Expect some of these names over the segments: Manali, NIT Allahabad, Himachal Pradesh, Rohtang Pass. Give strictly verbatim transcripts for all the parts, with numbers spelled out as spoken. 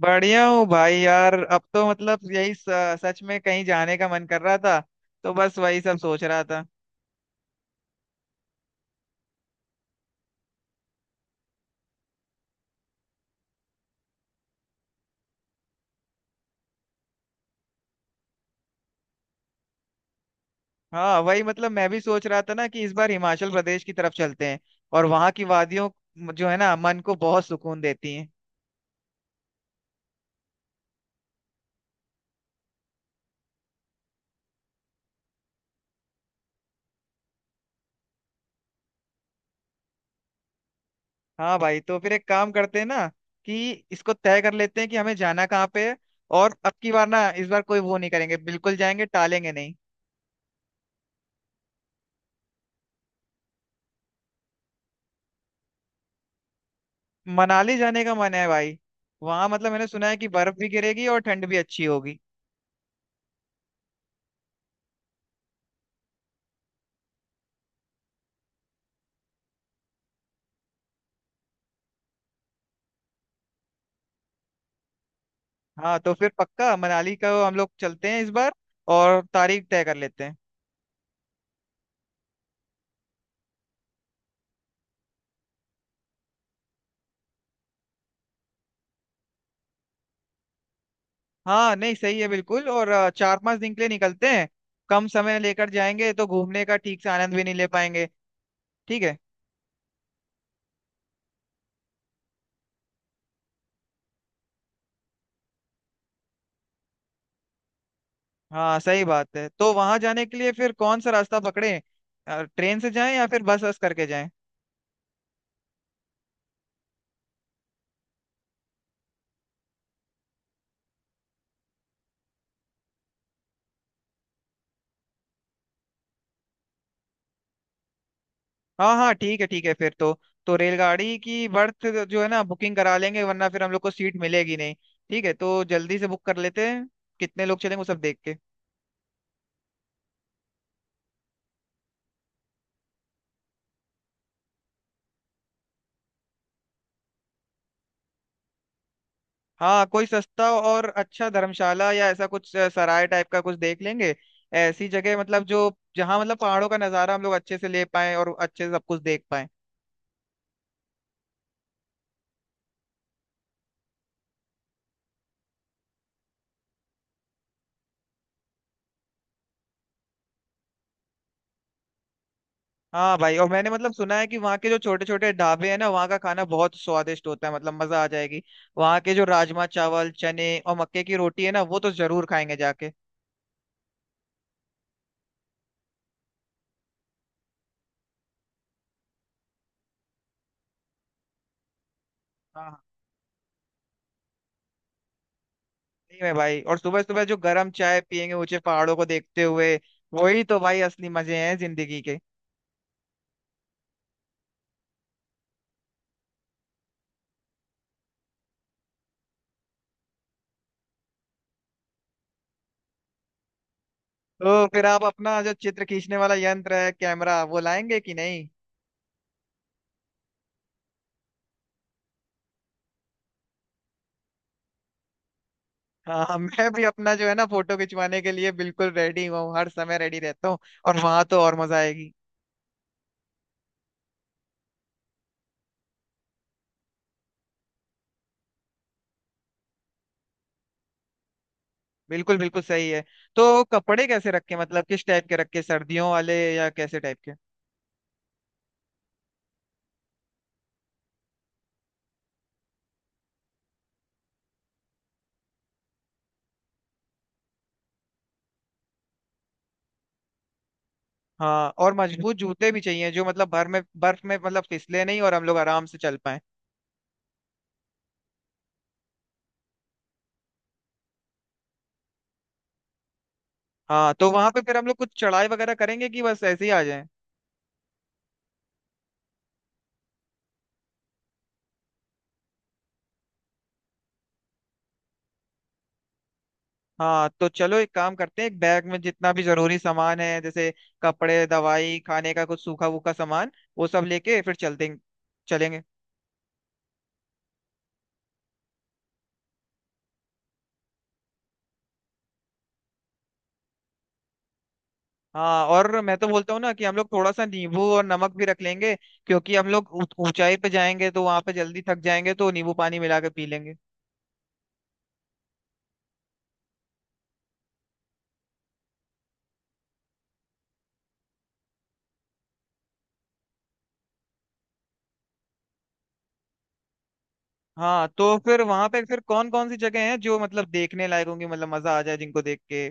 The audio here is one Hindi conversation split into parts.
बढ़िया हूँ भाई। यार अब तो मतलब यही स- सच में कहीं जाने का मन कर रहा था तो बस वही सब सोच रहा था। हाँ वही मतलब मैं भी सोच रहा था ना कि इस बार हिमाचल प्रदेश की तरफ चलते हैं और वहाँ की वादियों जो है ना मन को बहुत सुकून देती हैं। हाँ भाई तो फिर एक काम करते हैं ना कि इसको तय कर लेते हैं कि हमें जाना कहाँ पे है। और अब की बार ना इस बार कोई वो नहीं करेंगे, बिल्कुल जाएंगे, टालेंगे नहीं। मनाली जाने का मन है भाई। वहाँ मतलब मैंने सुना है कि बर्फ भी गिरेगी और ठंड भी अच्छी होगी। हाँ तो फिर पक्का मनाली का हम लोग चलते हैं इस बार, और तारीख तय कर लेते हैं। हाँ नहीं सही है बिल्कुल। और अ, चार पांच दिन के लिए निकलते हैं। कम समय लेकर जाएंगे तो घूमने का ठीक से आनंद भी नहीं ले पाएंगे। ठीक है। हाँ सही बात है। तो वहां जाने के लिए फिर कौन सा रास्ता पकड़े, ट्रेन से जाएं या फिर बस बस करके जाएं। हाँ हाँ, ठीक है ठीक है फिर तो। तो रेलगाड़ी की बर्थ जो है ना बुकिंग करा लेंगे वरना फिर हम लोग को सीट मिलेगी नहीं। ठीक है तो जल्दी से बुक कर लेते हैं, कितने लोग चलेंगे वो सब देख के। हाँ कोई सस्ता और अच्छा धर्मशाला या ऐसा कुछ अ, सराय टाइप का कुछ देख लेंगे। ऐसी जगह मतलब जो, जहाँ मतलब पहाड़ों का नज़ारा हम लोग अच्छे से ले पाए और अच्छे से सब कुछ देख पाए। हाँ भाई। और मैंने मतलब सुना है कि वहाँ के जो छोटे छोटे ढाबे हैं ना वहाँ का खाना बहुत स्वादिष्ट होता है, मतलब मजा आ जाएगी। वहाँ के जो राजमा चावल चने और मक्के की रोटी है ना वो तो जरूर खाएंगे जाके। हाँ हाँ, सही में भाई। और सुबह सुबह जो गर्म चाय पियेंगे ऊंचे पहाड़ों को देखते हुए, वही तो भाई असली मजे हैं जिंदगी के। तो फिर आप अपना जो चित्र खींचने वाला यंत्र है कैमरा वो लाएंगे कि नहीं। हाँ मैं भी अपना जो है ना फोटो खिंचवाने के लिए बिल्कुल रेडी हूँ, हर समय रेडी रहता हूँ। और वहां तो और मजा आएगी। बिल्कुल बिल्कुल सही है। तो कपड़े कैसे रखे, मतलब किस टाइप के रखे, सर्दियों वाले या कैसे टाइप के। हाँ और मजबूत जूते भी चाहिए जो मतलब भर में बर्फ में मतलब फिसले नहीं और हम लोग आराम से चल पाए। हाँ तो वहां पे फिर हम लोग कुछ चढ़ाई वगैरह करेंगे कि बस ऐसे ही आ जाए। हाँ तो चलो एक काम करते हैं, एक बैग में जितना भी जरूरी सामान है जैसे कपड़े दवाई खाने का कुछ सूखा वूखा सामान, वो सब लेके फिर चलते चलेंगे। हाँ और मैं तो बोलता हूँ ना कि हम लोग थोड़ा सा नींबू और नमक भी रख लेंगे क्योंकि हम लोग ऊ- ऊंचाई पे जाएंगे तो वहां पे जल्दी थक जाएंगे तो नींबू पानी मिला के पी लेंगे। हाँ तो फिर वहां पे फिर कौन कौन सी जगह हैं जो मतलब देखने लायक होंगी, मतलब मजा आ जाए जिनको देख के।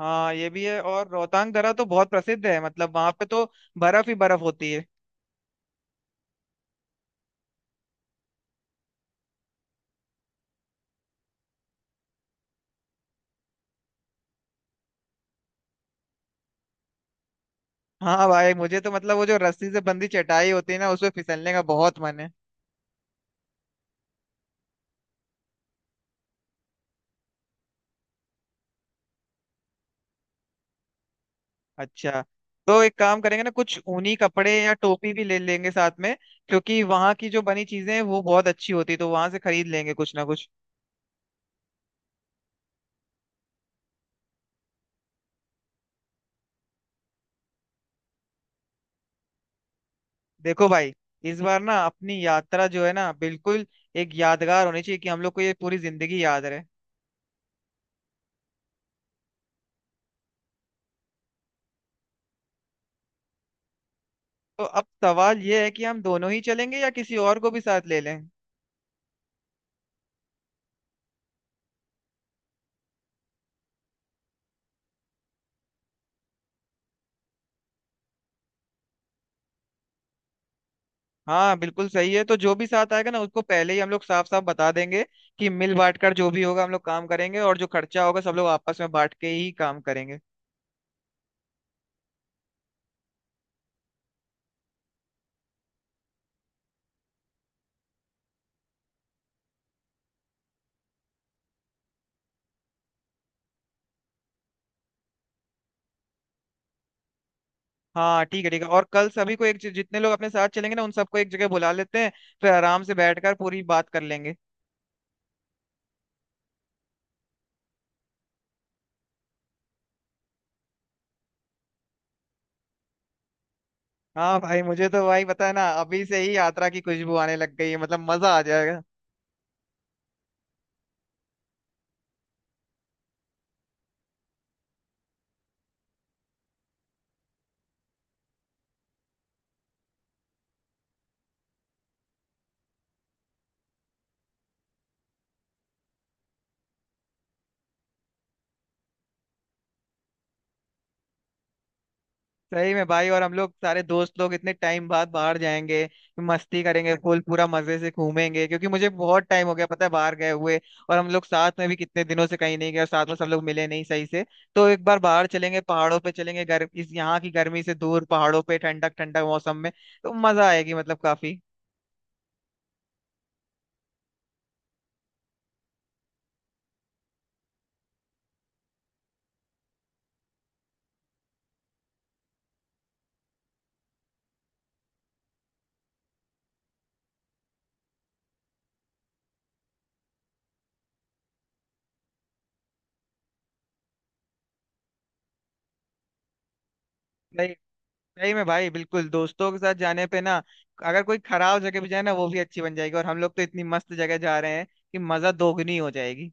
हाँ ये भी है। और रोहतांग दर्रा तो बहुत प्रसिद्ध है, मतलब वहां पे तो बर्फ ही बर्फ होती है। हाँ भाई मुझे तो मतलब वो जो रस्सी से बंधी चटाई होती है ना उसमें फिसलने का बहुत मन है। अच्छा। तो एक काम करेंगे ना, कुछ ऊनी कपड़े या टोपी भी ले लेंगे साथ में क्योंकि वहां की जो बनी चीजें हैं वो बहुत अच्छी होती है तो वहां से खरीद लेंगे कुछ ना कुछ। देखो भाई, इस बार ना अपनी यात्रा जो है ना बिल्कुल एक यादगार होनी चाहिए कि हम लोग को ये पूरी जिंदगी याद रहे। तो अब सवाल ये है कि हम दोनों ही चलेंगे या किसी और को भी साथ ले लें। हाँ बिल्कुल सही है। तो जो भी साथ आएगा ना उसको पहले ही हम लोग साफ साफ बता देंगे कि मिल बांट कर जो भी होगा हम लोग काम करेंगे, और जो खर्चा होगा सब लोग आपस में बांट के ही काम करेंगे। हाँ ठीक है ठीक है। और कल सभी को एक जि- जितने लोग अपने साथ चलेंगे ना उन सबको एक जगह बुला लेते हैं, फिर आराम से बैठकर पूरी बात कर लेंगे। हाँ भाई मुझे तो भाई पता है ना, अभी से ही यात्रा की खुशबू आने लग गई है, मतलब मजा आ जाएगा। सही में भाई। और हम लोग सारे दोस्त लोग इतने टाइम बाद बाहर जाएंगे, मस्ती करेंगे, फुल पूरा मजे से घूमेंगे क्योंकि मुझे बहुत टाइम हो गया पता है बाहर गए हुए। और हम लोग साथ में भी कितने दिनों से कहीं नहीं गए और साथ में सब लोग मिले नहीं सही से। तो एक बार बाहर चलेंगे, पहाड़ों पे चलेंगे, गर, इस यहाँ की गर्मी से दूर पहाड़ों पे ठंडक ठंडक मौसम में, तो मजा आएगी मतलब काफी। सही सही में भाई, बिल्कुल दोस्तों के साथ जाने पे ना अगर कोई खराब जगह भी जाए ना वो भी अच्छी बन जाएगी, और हम लोग तो इतनी मस्त जगह जा रहे हैं कि मजा दोगुनी हो जाएगी।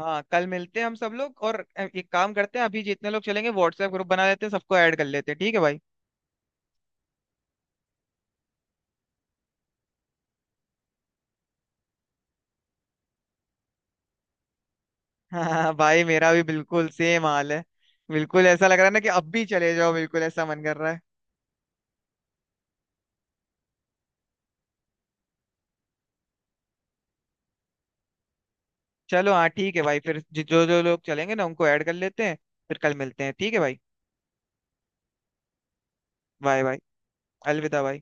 हाँ कल मिलते हैं हम सब लोग, और एक काम करते हैं, अभी जितने लोग चलेंगे व्हाट्सएप ग्रुप बना लेते हैं, सबको ऐड कर लेते हैं, ठीक है भाई। हाँ भाई मेरा भी बिल्कुल सेम हाल है। बिल्कुल ऐसा लग रहा है ना कि अब भी चले जाओ, बिल्कुल ऐसा मन कर रहा है। चलो हाँ, ठीक है भाई। फिर जि- जो जो लोग चलेंगे ना उनको ऐड कर लेते हैं। फिर कल मिलते हैं ठीक है भाई। Bye bye. अलविदा भाई।